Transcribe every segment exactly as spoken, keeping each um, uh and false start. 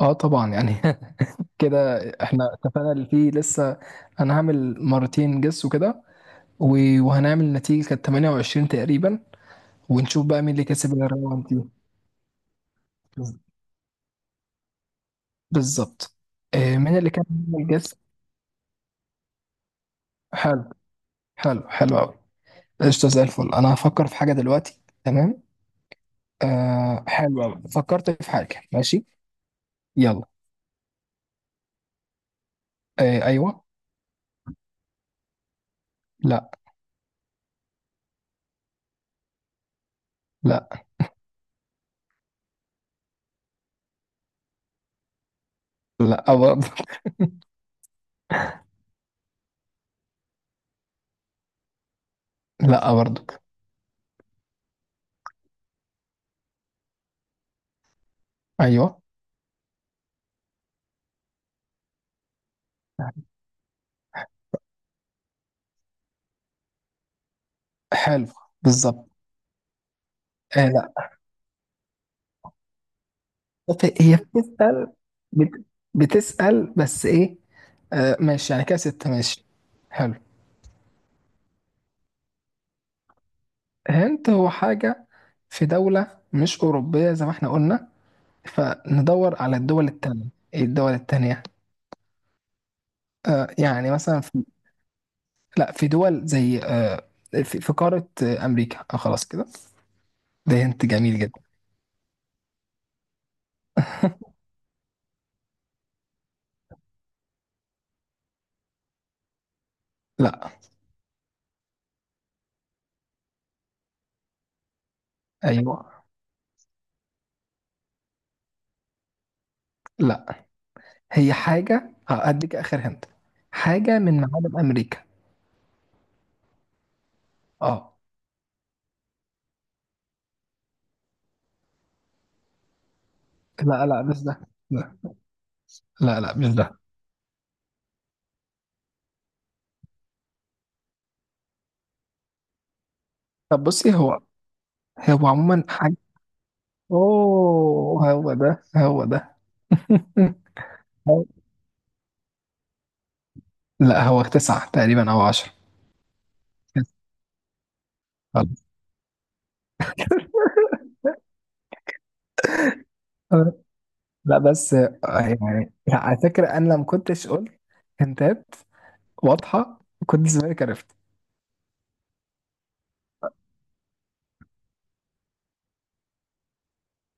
اه طبعا يعني. كده احنا اتفقنا اللي فيه لسه. انا هعمل مرتين جس وكده. و- وهنعمل نتيجة كانت تمانية وعشرين تقريبا. ونشوف بقى مين اللي كسب الراوند دي. بالظبط. آه، مين اللي كان بيعمل جس؟ حلو. حلو حلو قوي. قشطة زي الفل. انا هفكر في حاجة دلوقتي، تمام. آه حلو قوي، فكرت في حاجة. ماشي. يلا. آه ايوه. لا. لا لا برضه. لا برضه. ايوه. حلو. بالظبط. آه، بت- هي بتسأل. بت... بتسأل بس ايه؟ آه ماشي، يعني كده ستة. ماشي. حلو. هنت هو حاجة في دولة مش أوروبية زي ما احنا قلنا. فندور على الدول التانية. ايه الدول التانية؟ آه يعني مثلا في... لا، في دول زي آه، في, في قارة آه أمريكا آه. خلاص كده. ده هنت جميل جدا. لا. أيوه. لا، هي حاجة. آه، أديك آخر هنت. حاجة من معالم أمريكا. اه. لا لا مش ده. لا لا لا مش ده. طب بصي، هو هو عموما حاجة. اوه هو ده هو ده. مم. هو- لا هو تسعة تقريبا او عشرة. خلاص. آه، لا بس آه، يعني لا، على فكرة انا لما كنتش قلت هنتات واضحة كنت زمانك عرفت.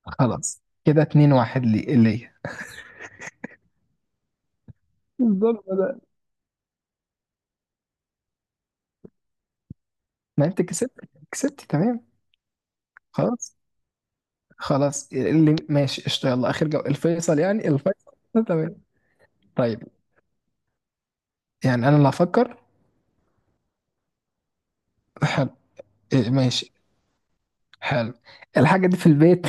خلاص كده اتنين واحد لي ليا. الظلم ده. ما انت كسبت. كسبت تمام. خلاص خلاص اللي ماشي قشطة. يلا اخر جو الفيصل، يعني الفيصل تمام. طيب، يعني انا اللي هفكر. حلو. إيه، ماشي. حلو. الحاجة دي في البيت.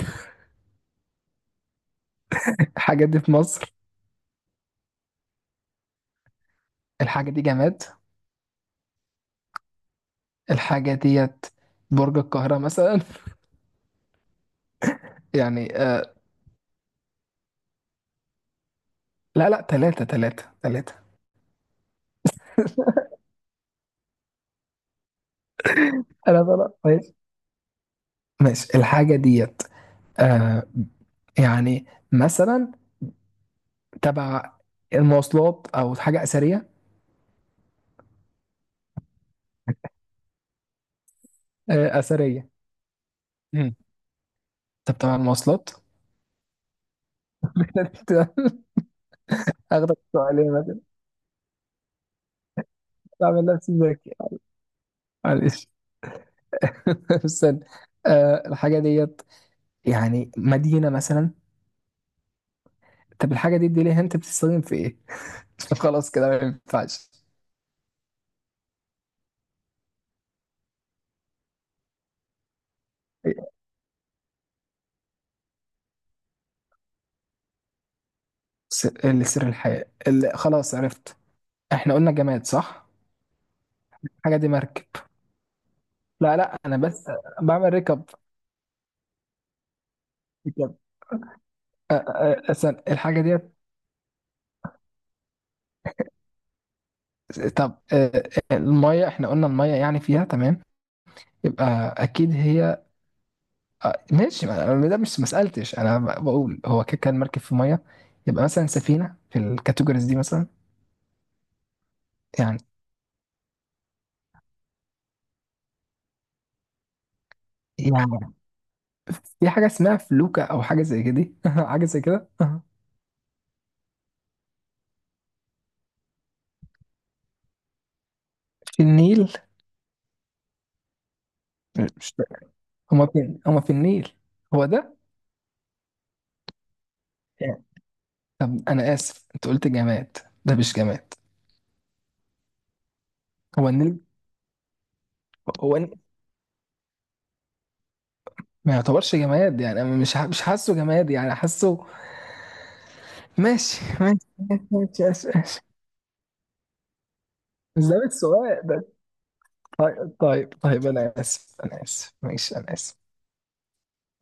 الحاجة دي في مصر. الحاجة دي جماد. الحاجة ديت برج القاهرة مثلا. يعني آه. لا لا، تلاتة تلاتة تلاتة. لا لا لا ماشي. ماشي الحاجة ديت. آه، يعني مثلا تبع المواصلات أو حاجة أثرية. آه أثرية. مم. طب تبع المواصلات. هاخدك سؤالين مثلا. بعمل نفسي ذكي. معلش. استنى. آه الحاجة ديت يعني مدينة مثلا. طب الحاجة دي اديني هنت بتستخدم في ايه؟ خلاص كده ما ينفعش. س- اللي سر الحياة اللي خلاص عرفت. احنا قلنا جماد صح؟ الحاجة دي مركب. لا لا، انا بس بعمل ركب. ركب. أ- أ- أصلا الحاجة ديت. طب أ- المية احنا قلنا المية يعني فيها تمام. يبقى اكيد هي. أ- ماشي، ما أنا- ده مش ما سألتش، انا ب- بقول هو كده كان مركب في مية. يبقى مثلا سفينة في الكاتيجوريز دي مثلا. يعني. يعني في حاجة اسمها فلوكة أو حاجة زي كده. حاجة زي كده. في النيل. مش، هما فين؟ هما في النيل. هو ده. يعني. طب أنا آسف، أنت قلت جماد. ده مش جماد. هو النيل. هو النيل ما يعتبرش جماد، يعني أنا مش ح- مش حاسه جماد، يعني حاسه. ماشي ماشي ماشي ماشي ماشي ماشي. مش ده السؤال ده. طيب طيب طيب، أنا آسف أنا آسف ماشي أنا آسف.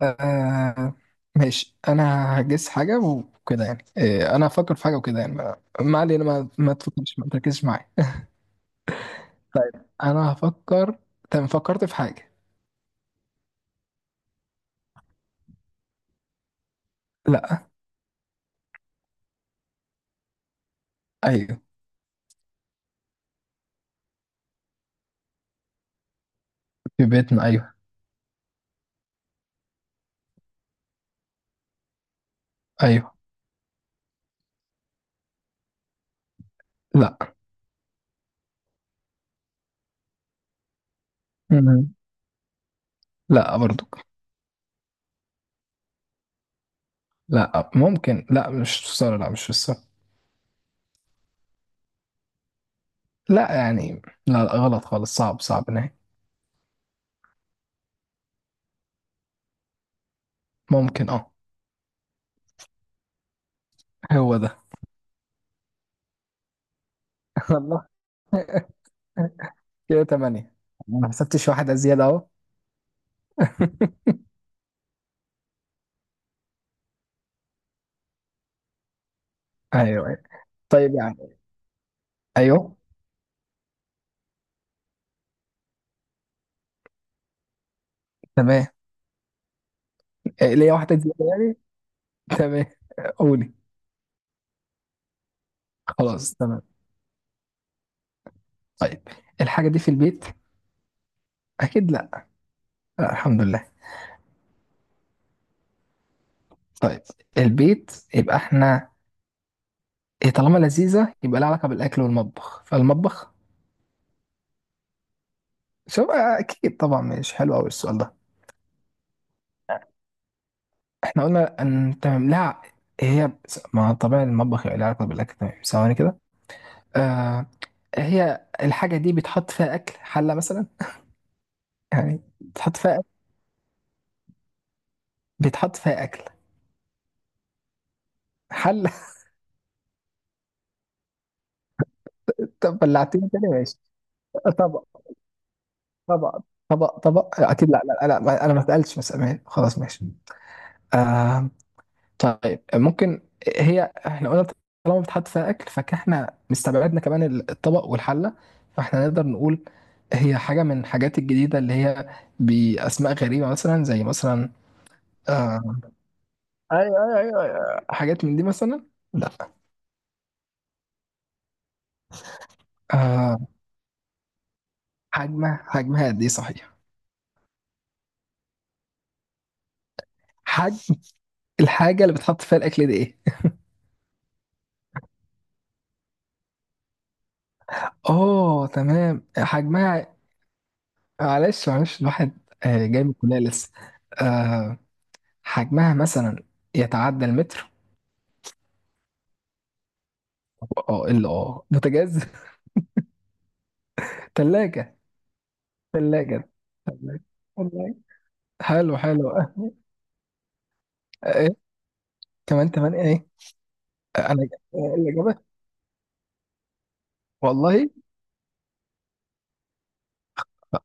آه ماشي انا هجس حاجه وكده، يعني آه انا هفكر في حاجه وكده يعني ما ما علينا، ما, ما تفكرش ما تركزش معايا. انا هفكر. تمام فكرت في حاجه. لا. ايوه في بيتنا ايوه. ايوه. لا. مم. لا برضو. لا ممكن، لا مش في الصاله، لا مش في الصاله. لا يعني، لا, لا غلط خالص. صعب صعب نهائي. ممكن اه. هو ده. الله. كده تمانية. ما حسبتش واحدة زيادة اهو. ايوه أيوة. طيب يعني. ايوه تمام. آه، ليا واحدة زيادة. تمام. قولي. خلاص تمام. طيب، الحاجة دي في البيت. أكيد لا، لا الحمد لله. طيب، البيت يبقى احنا إيه. طالما لذيذة يبقى لها علاقة بالأكل والمطبخ، فالمطبخ. شوف، آه، أكيد طبعا مش حلو أوي السؤال ده. احنا قلنا أن تمام لا. هي بس- ما طبعا المطبخ يبقى لها علاقة بالأكل تمام، ثواني كده. آه. هي الحاجة دي بيتحط فيها أكل، حلة مثلا. يعني بتحط فيها أكل، بيتحط فيها أكل. حلة. طب بلعتني تاني ماشي. طب طبق. طبق طبق اكيد لا لا لا، ما- انا ما سالتش، بس امان خلاص ماشي. آه. طيب ممكن. هي احنا قلنا، طالما بتحط فيها اكل فاحنا مستبعدنا كمان الطبق والحله. فاحنا نقدر نقول هي حاجه من الحاجات الجديده اللي هي باسماء غريبه مثلا زي مثلا آه. ايوه ايوه ايوه أيوة. حاجات من دي مثلا. لا. آه حجمها، حجمها قد ايه صحيح. حجم الحاجه اللي بتحط فيها الاكل دي ايه؟ اه تمام حجمها. معلش معلش الواحد آه، جاي من الكلية لسه. آه، حجمها مثلا يتعدى المتر. اه الا اه بوتاجاز. تلاجة. تلاجة. تلاجة. تلاجة. حلو حلو. آه، ايه كمان. كمان ايه. آه، انا. آه، الإجابة. والله.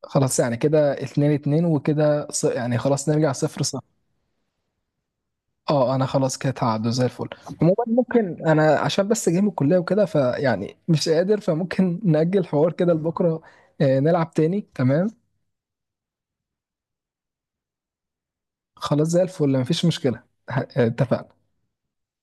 خلاص يعني كده اتنين اتنين وكده، ص- يعني خلاص نرجع صفر صفر. اه انا خلاص كده تعدوا زي الفل. عموما ممكن انا عشان بس جاي من الكلية وكده، فيعني مش قادر، فممكن نأجل الحوار كده لبكرة. آه، نلعب تاني تمام. خلاص زي الفل مفيش مشكلة. ه- اتفقنا.